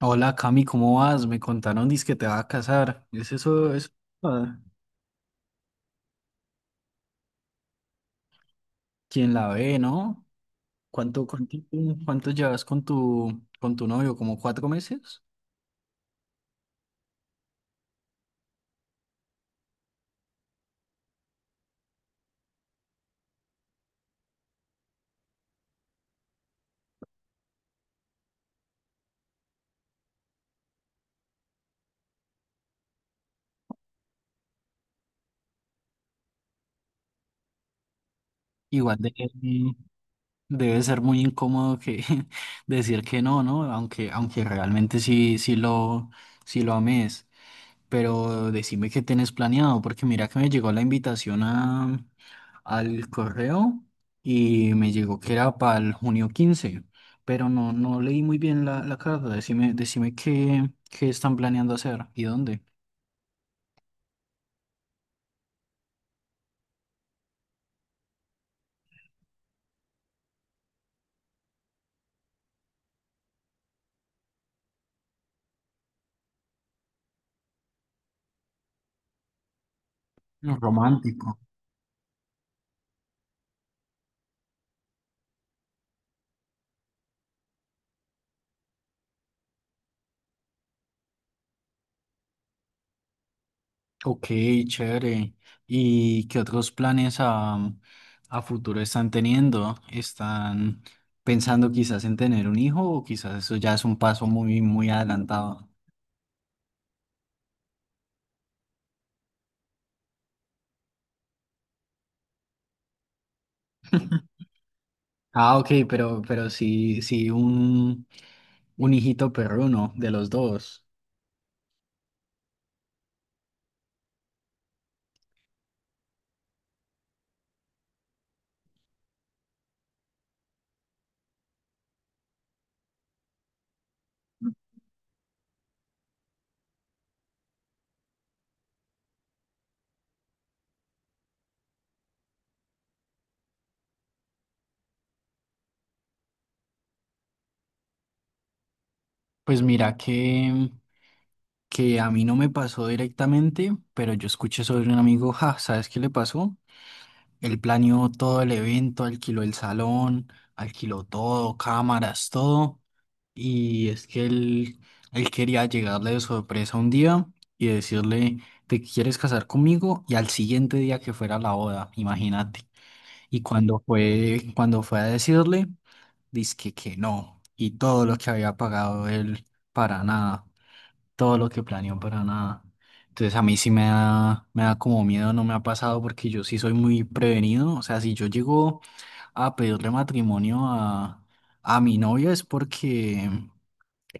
Hola Cami, ¿cómo vas? Me contaron que te va a casar. ¿Es eso, es ah, quien la ve, no? ¿Cuánto, cuánto, cuánto llevas con tu novio? ¿Como 4 meses? Igual debe ser muy incómodo que decir que no, ¿no? Aunque realmente sí, sí lo ames. Pero decime qué tenés planeado, porque mira que me llegó la invitación al correo y me llegó que era para el junio 15, pero no leí muy bien la carta. Decime qué están planeando hacer y dónde. Mm, romántico. Ok, chévere. ¿Y qué otros planes a futuro están teniendo? ¿Están pensando quizás en tener un hijo o quizás eso ya es un paso muy, muy adelantado? Ah, ok, pero sí, sí, un hijito perruno de los dos. Pues mira que a mí no me pasó directamente, pero yo escuché sobre un amigo, ja, ¿sabes qué le pasó? Él planeó todo el evento, alquiló el salón, alquiló todo, cámaras, todo. Y es que él quería llegarle de sorpresa un día y decirle, ¿te quieres casar conmigo? Y al siguiente día que fuera la boda, imagínate. Y cuando fue a decirle, dizque que no. Y todo lo que había pagado él para nada. Todo lo que planeó para nada. Entonces a mí sí me da, como miedo, no me ha pasado porque yo sí soy muy prevenido. O sea, si yo llego a pedirle matrimonio a mi novia es porque,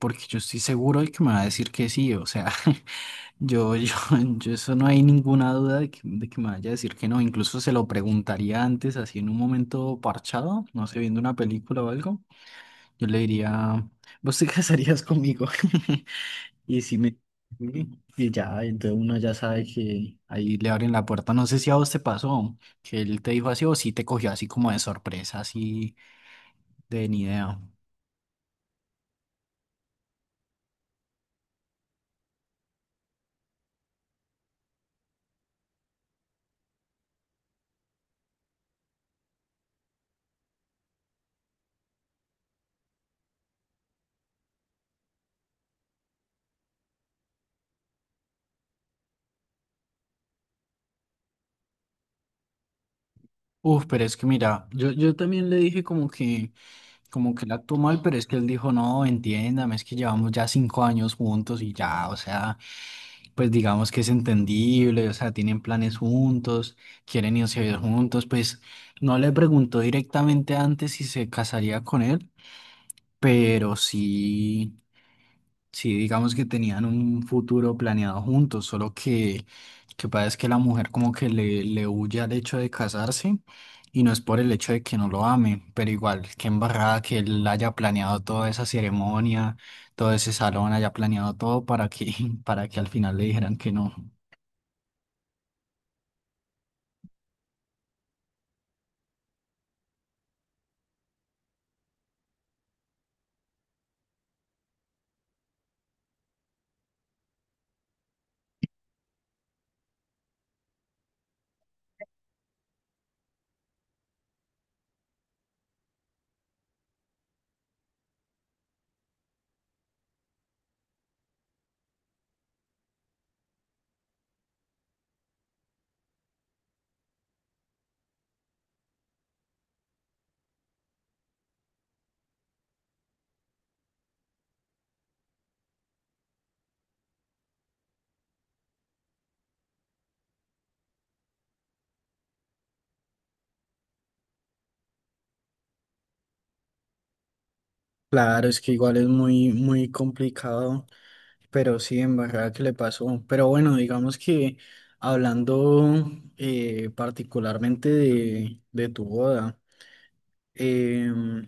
porque yo estoy seguro de que me va a decir que sí. O sea, Yo, yo, yo eso no hay ninguna duda de que me vaya a decir que no. Incluso se lo preguntaría antes, así en un momento parchado, no sé, viendo una película o algo. Yo le diría, ¿vos te casarías conmigo? Y si me... Sí, y ya, entonces uno ya sabe que ahí le abren la puerta. No sé si a vos te pasó, que él te dijo así o si te cogió así como de sorpresa, así de ni idea. Uf, pero es que mira, yo también le dije como que él actuó mal, pero es que él dijo, no, entiéndame, es que llevamos ya 5 años juntos y ya, o sea, pues digamos que es entendible, o sea, tienen planes juntos, quieren irse a vivir juntos, pues no le preguntó directamente antes si se casaría con él, pero sí. Sí, digamos que tenían un futuro planeado juntos, solo que pasa es que la mujer como que le huye al hecho de casarse y no es por el hecho de que no lo ame, pero igual, qué embarrada que él haya planeado toda esa ceremonia, todo ese salón, haya planeado todo para que, para que al final le dijeran que no. Claro, es que igual es muy, muy complicado. Pero sí, en verdad que le pasó. Pero bueno, digamos que hablando particularmente de tu boda, em,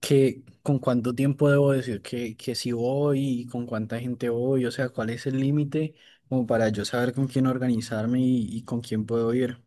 que, ¿con cuánto tiempo debo decir que si voy y con cuánta gente voy? O sea, ¿cuál es el límite como para yo saber con quién organizarme y con quién puedo ir?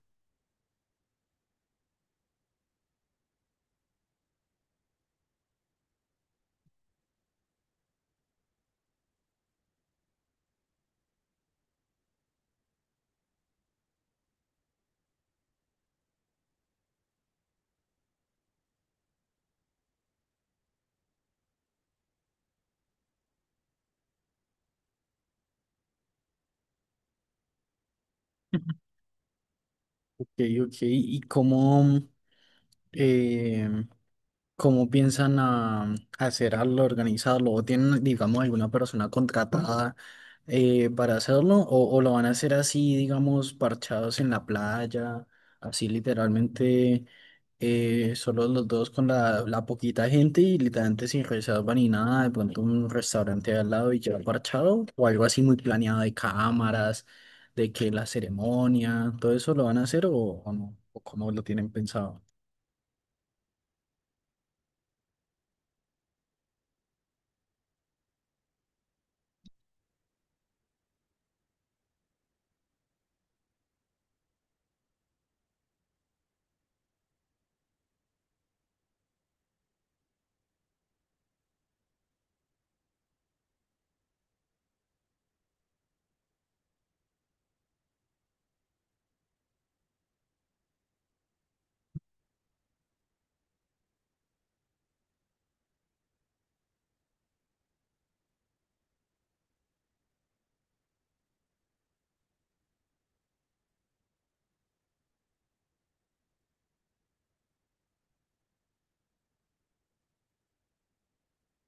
Ok, ok. Em, ¿cómo piensan a hacer al organizarlo? ¿O tienen, digamos, alguna persona contratada para hacerlo? ¿O lo van a hacer así, digamos, parchados en la playa? Así literalmente, solo los dos con la poquita gente y literalmente sin reserva ni nada, de pronto un restaurante al lado y ya parchado, o algo así muy planeado de cámaras, de que la ceremonia, todo eso lo van a hacer o no, o cómo lo tienen pensado.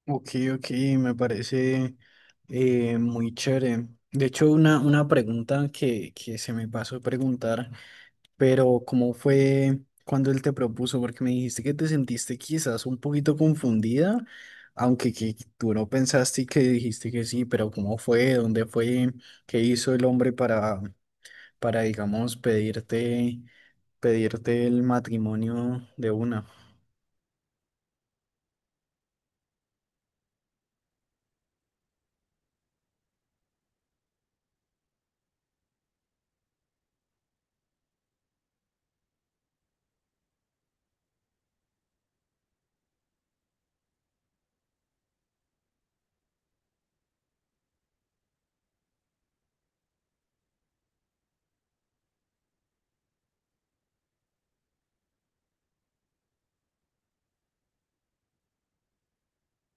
Ok, ok, me parece muy chévere. De hecho, una pregunta que se me pasó a preguntar, pero ¿cómo fue cuando él te propuso? Porque me dijiste que te sentiste quizás un poquito confundida, aunque que tú no pensaste y que dijiste que sí, pero ¿cómo fue? ¿Dónde fue? ¿Qué hizo el hombre para, digamos, pedirte pedirte, el matrimonio de una?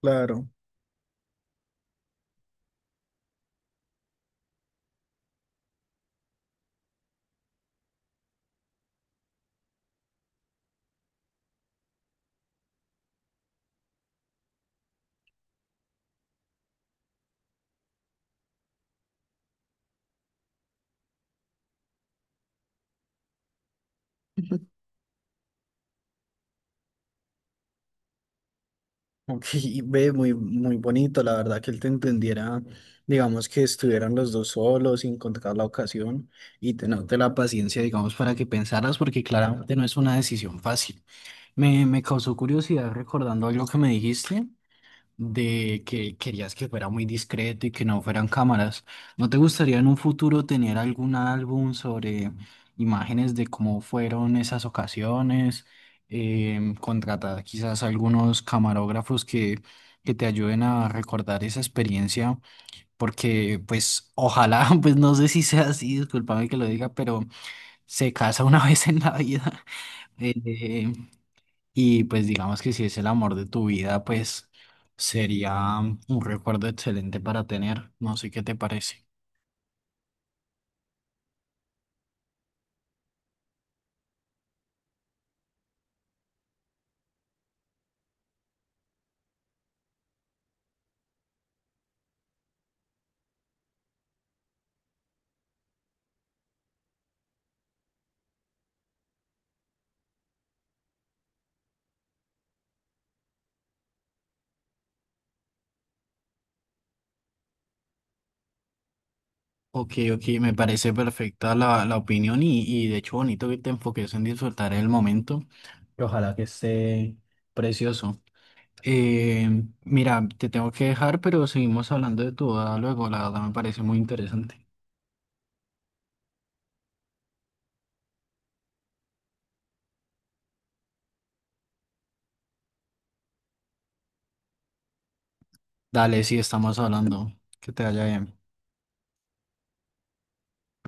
Claro. Ok, ve muy, muy bonito, la verdad, que él te entendiera, digamos, que estuvieran los dos solos sin contar la ocasión y tenerte la paciencia, digamos, para que pensaras, porque claramente no es una decisión fácil. Me causó curiosidad recordando algo que me dijiste de que querías que fuera muy discreto y que no fueran cámaras. ¿No te gustaría en un futuro tener algún álbum sobre imágenes de cómo fueron esas ocasiones? Contratar quizás algunos camarógrafos que te ayuden a recordar esa experiencia, porque pues ojalá, pues no sé si sea así, discúlpame que lo diga, pero se casa una vez en la vida. Eh, y pues digamos que si es el amor de tu vida, pues sería un recuerdo excelente para tener. No sé qué te parece. Ok, ok, me parece perfecta la opinión y de hecho bonito que te enfoques en disfrutar el momento. Y ojalá que esté precioso. Eh, mira, te tengo que dejar, pero seguimos hablando de tu boda luego. La verdad me parece muy interesante. Dale, sí, estamos hablando. Que te vaya bien.